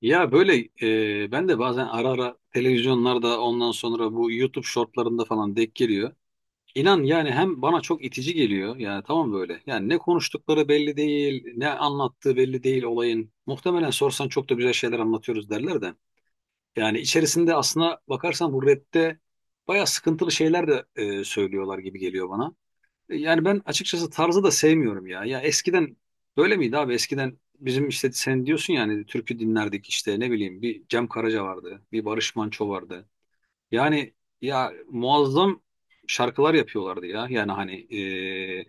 Ya böyle ben de bazen ara ara televizyonlarda ondan sonra bu YouTube shortlarında falan denk geliyor. İnan yani hem bana çok itici geliyor yani tamam böyle. Yani ne konuştukları belli değil, ne anlattığı belli değil olayın. Muhtemelen sorsan çok da güzel şeyler anlatıyoruz derler de. Yani içerisinde aslına bakarsan bu rapte bayağı sıkıntılı şeyler de söylüyorlar gibi geliyor bana. Yani ben açıkçası tarzı da sevmiyorum ya. Ya eskiden böyle miydi abi? Eskiden bizim işte sen diyorsun yani türkü dinlerdik işte ne bileyim bir Cem Karaca vardı, bir Barış Manço vardı. Yani ya muazzam şarkılar yapıyorlardı ya. Yani hani e,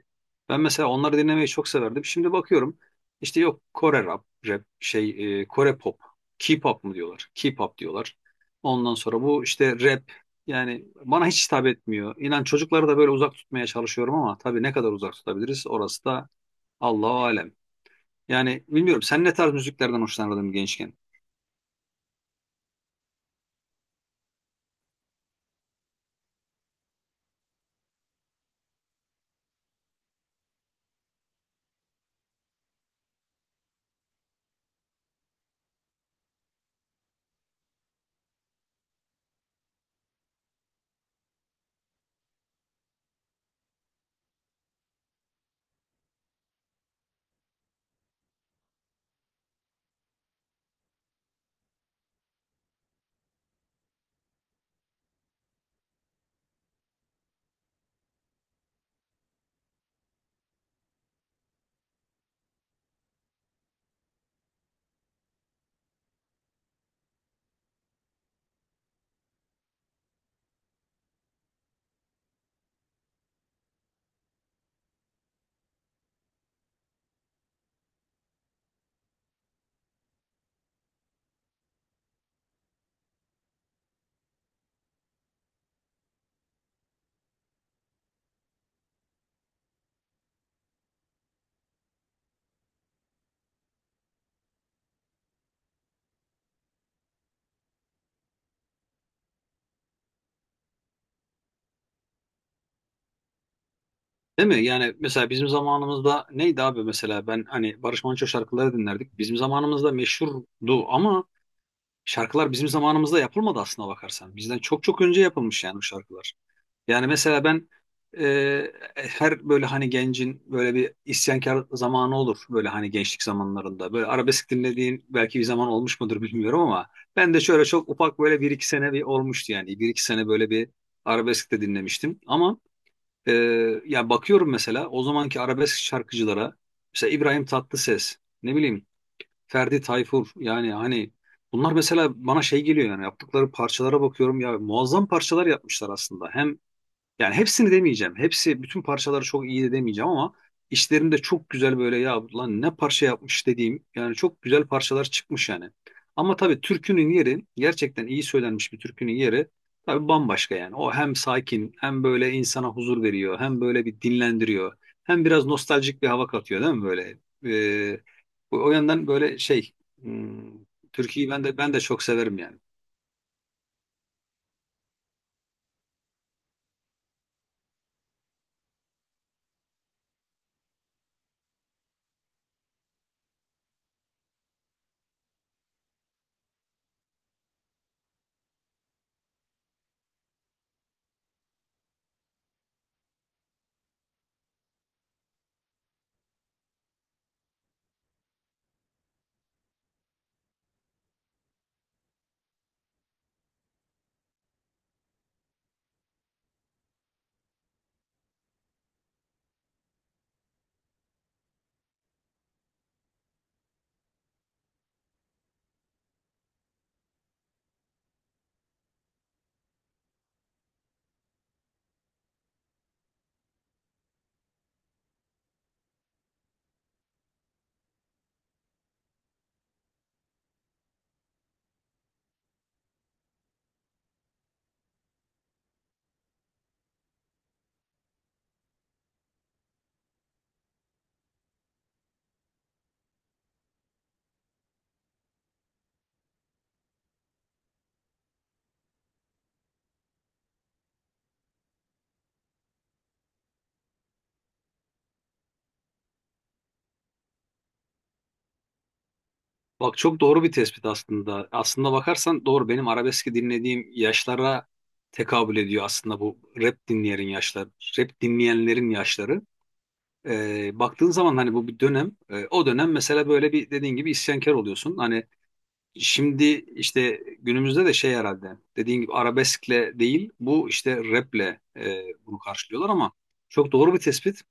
ben mesela onları dinlemeyi çok severdim. Şimdi bakıyorum işte yok Kore rap, rap şey Kore pop, K-pop mu diyorlar? K-pop diyorlar. Ondan sonra bu işte rap yani bana hiç hitap etmiyor. İnan çocukları da böyle uzak tutmaya çalışıyorum ama tabii ne kadar uzak tutabiliriz orası da Allahu alem. Yani bilmiyorum sen ne tarz müziklerden hoşlanırdın gençken? Değil mi? Yani mesela bizim zamanımızda neydi abi mesela ben hani Barış Manço şarkıları dinlerdik. Bizim zamanımızda meşhurdu ama şarkılar bizim zamanımızda yapılmadı aslına bakarsan. Bizden çok çok önce yapılmış yani bu şarkılar. Yani mesela ben her böyle hani gencin böyle bir isyankar zamanı olur böyle hani gençlik zamanlarında. Böyle arabesk dinlediğin belki bir zaman olmuş mudur bilmiyorum ama ben de şöyle çok ufak böyle bir iki sene bir olmuştu yani. Bir iki sene böyle bir arabesk de dinlemiştim ama ee, ya bakıyorum mesela o zamanki arabesk şarkıcılara mesela İbrahim Tatlıses ne bileyim Ferdi Tayfur yani hani bunlar mesela bana şey geliyor yani yaptıkları parçalara bakıyorum ya muazzam parçalar yapmışlar aslında hem yani hepsini demeyeceğim. Hepsi bütün parçaları çok iyi de demeyeceğim ama işlerinde çok güzel böyle ya lan ne parça yapmış dediğim yani çok güzel parçalar çıkmış yani. Ama tabii türkünün yeri gerçekten iyi söylenmiş bir türkünün yeri tabii bambaşka yani. O hem sakin hem böyle insana huzur veriyor hem böyle bir dinlendiriyor hem biraz nostaljik bir hava katıyor değil mi böyle? Ee, o yandan böyle şey hmm, türküyü ben de çok severim yani. Bak çok doğru bir tespit aslında. Aslında bakarsan doğru benim arabeski dinlediğim yaşlara tekabül ediyor aslında bu rap dinleyenlerin yaşları, rap dinleyenlerin yaşları. Baktığın zaman hani bu bir dönem, o dönem mesela böyle bir dediğin gibi isyankar oluyorsun. Hani şimdi işte günümüzde de şey herhalde dediğin gibi arabeskle değil bu işte raple bunu karşılıyorlar ama çok doğru bir tespit.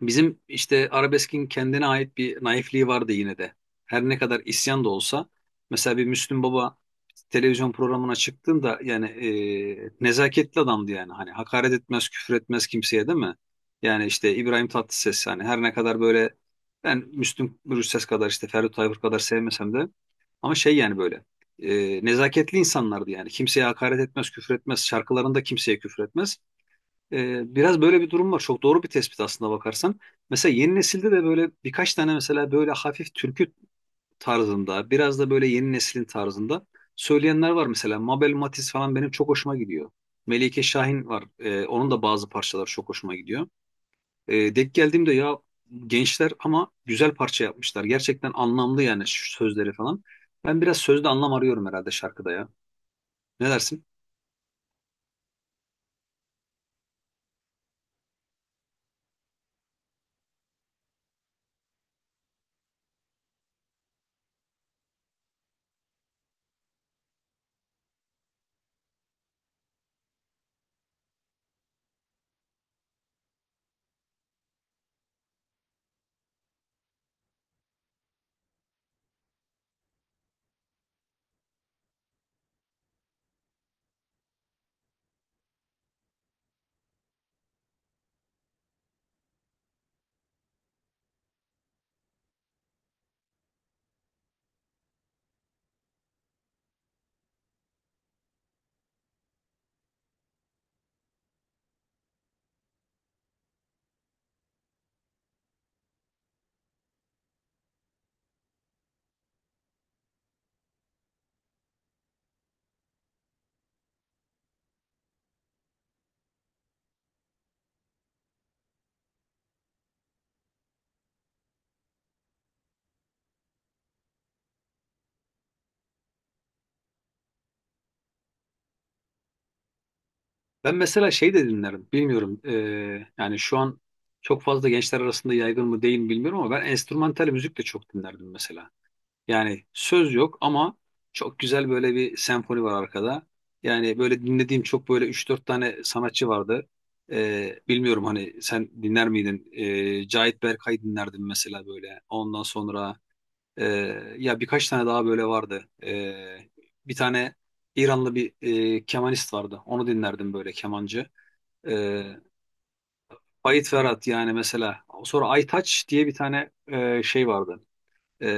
Bizim işte arabeskin kendine ait bir naifliği vardı yine de. Her ne kadar isyan da olsa mesela bir Müslüm Baba televizyon programına çıktığında yani nezaketli adamdı yani. Hani hakaret etmez, küfür etmez kimseye değil mi? Yani işte İbrahim Tatlıses yani her ne kadar böyle ben Müslüm Gürses kadar işte Ferdi Tayfur kadar sevmesem de ama şey yani böyle nezaketli insanlardı yani. Kimseye hakaret etmez, küfür etmez. Şarkılarında kimseye küfür etmez. Biraz böyle bir durum var. Çok doğru bir tespit aslında bakarsan. Mesela yeni nesilde de böyle birkaç tane mesela böyle hafif türkü tarzında, biraz da böyle yeni neslin tarzında söyleyenler var mesela. Mabel Matiz falan benim çok hoşuma gidiyor. Melike Şahin var. Onun da bazı parçaları çok hoşuma gidiyor. Denk geldiğimde ya gençler ama güzel parça yapmışlar. Gerçekten anlamlı yani şu sözleri falan. Ben biraz sözde anlam arıyorum herhalde şarkıda ya. Ne dersin? Ben mesela şey de dinlerim. Bilmiyorum. Yani şu an çok fazla gençler arasında yaygın mı değil mi bilmiyorum ama ben enstrümantal müzik de çok dinlerdim mesela. Yani söz yok ama çok güzel böyle bir senfoni var arkada. Yani böyle dinlediğim çok böyle üç dört tane sanatçı vardı. Bilmiyorum hani sen dinler miydin? Cahit Berkay dinlerdim mesela böyle. Ondan sonra ya birkaç tane daha böyle vardı. Bir tane İranlı bir kemanist vardı. Onu dinlerdim böyle kemancı. E, Ait Ferhat yani mesela. Sonra Aytaç diye bir tane şey vardı. E,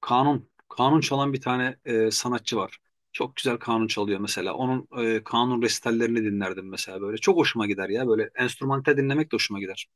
kanun. Kanun çalan bir tane sanatçı var. Çok güzel kanun çalıyor mesela. Onun kanun resitallerini dinlerdim mesela böyle. Çok hoşuma gider ya. Böyle enstrümantal dinlemek de hoşuma gider.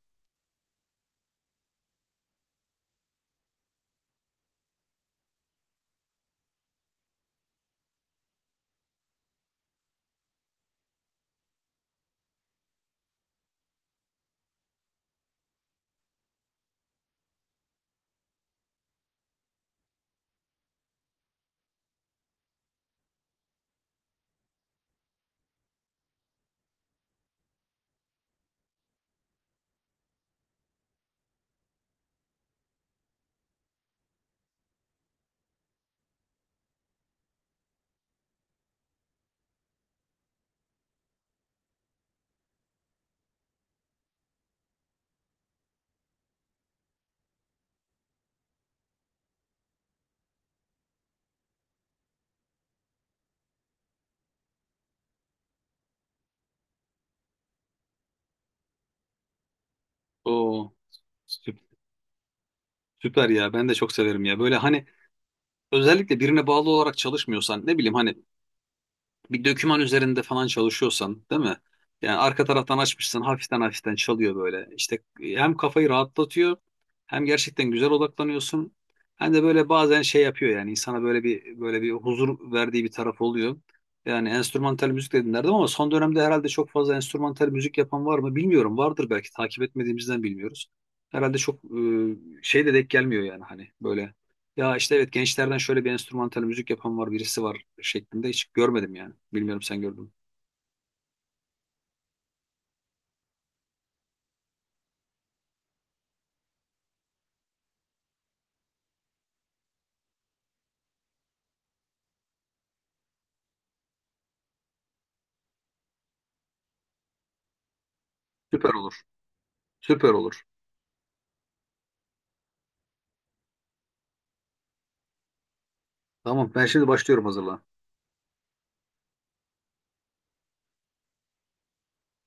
Oo, sü- süper ya. Ben de çok severim ya. Böyle hani özellikle birine bağlı olarak çalışmıyorsan ne bileyim hani bir döküman üzerinde falan çalışıyorsan değil mi? Yani arka taraftan açmışsın hafiften hafiften çalıyor böyle. İşte hem kafayı rahatlatıyor hem gerçekten güzel odaklanıyorsun. Hem de böyle bazen şey yapıyor yani insana böyle bir huzur verdiği bir taraf oluyor. Yani enstrümantal müzik dedin derdim ama son dönemde herhalde çok fazla enstrümantal müzik yapan var mı bilmiyorum. Vardır belki takip etmediğimizden bilmiyoruz. Herhalde çok şey de denk gelmiyor yani hani böyle ya işte evet gençlerden şöyle bir enstrümantal müzik yapan var birisi var şeklinde hiç görmedim yani. Bilmiyorum sen gördün mü? Süper olur. Süper olur. Tamam ben şimdi başlıyorum hazırlan.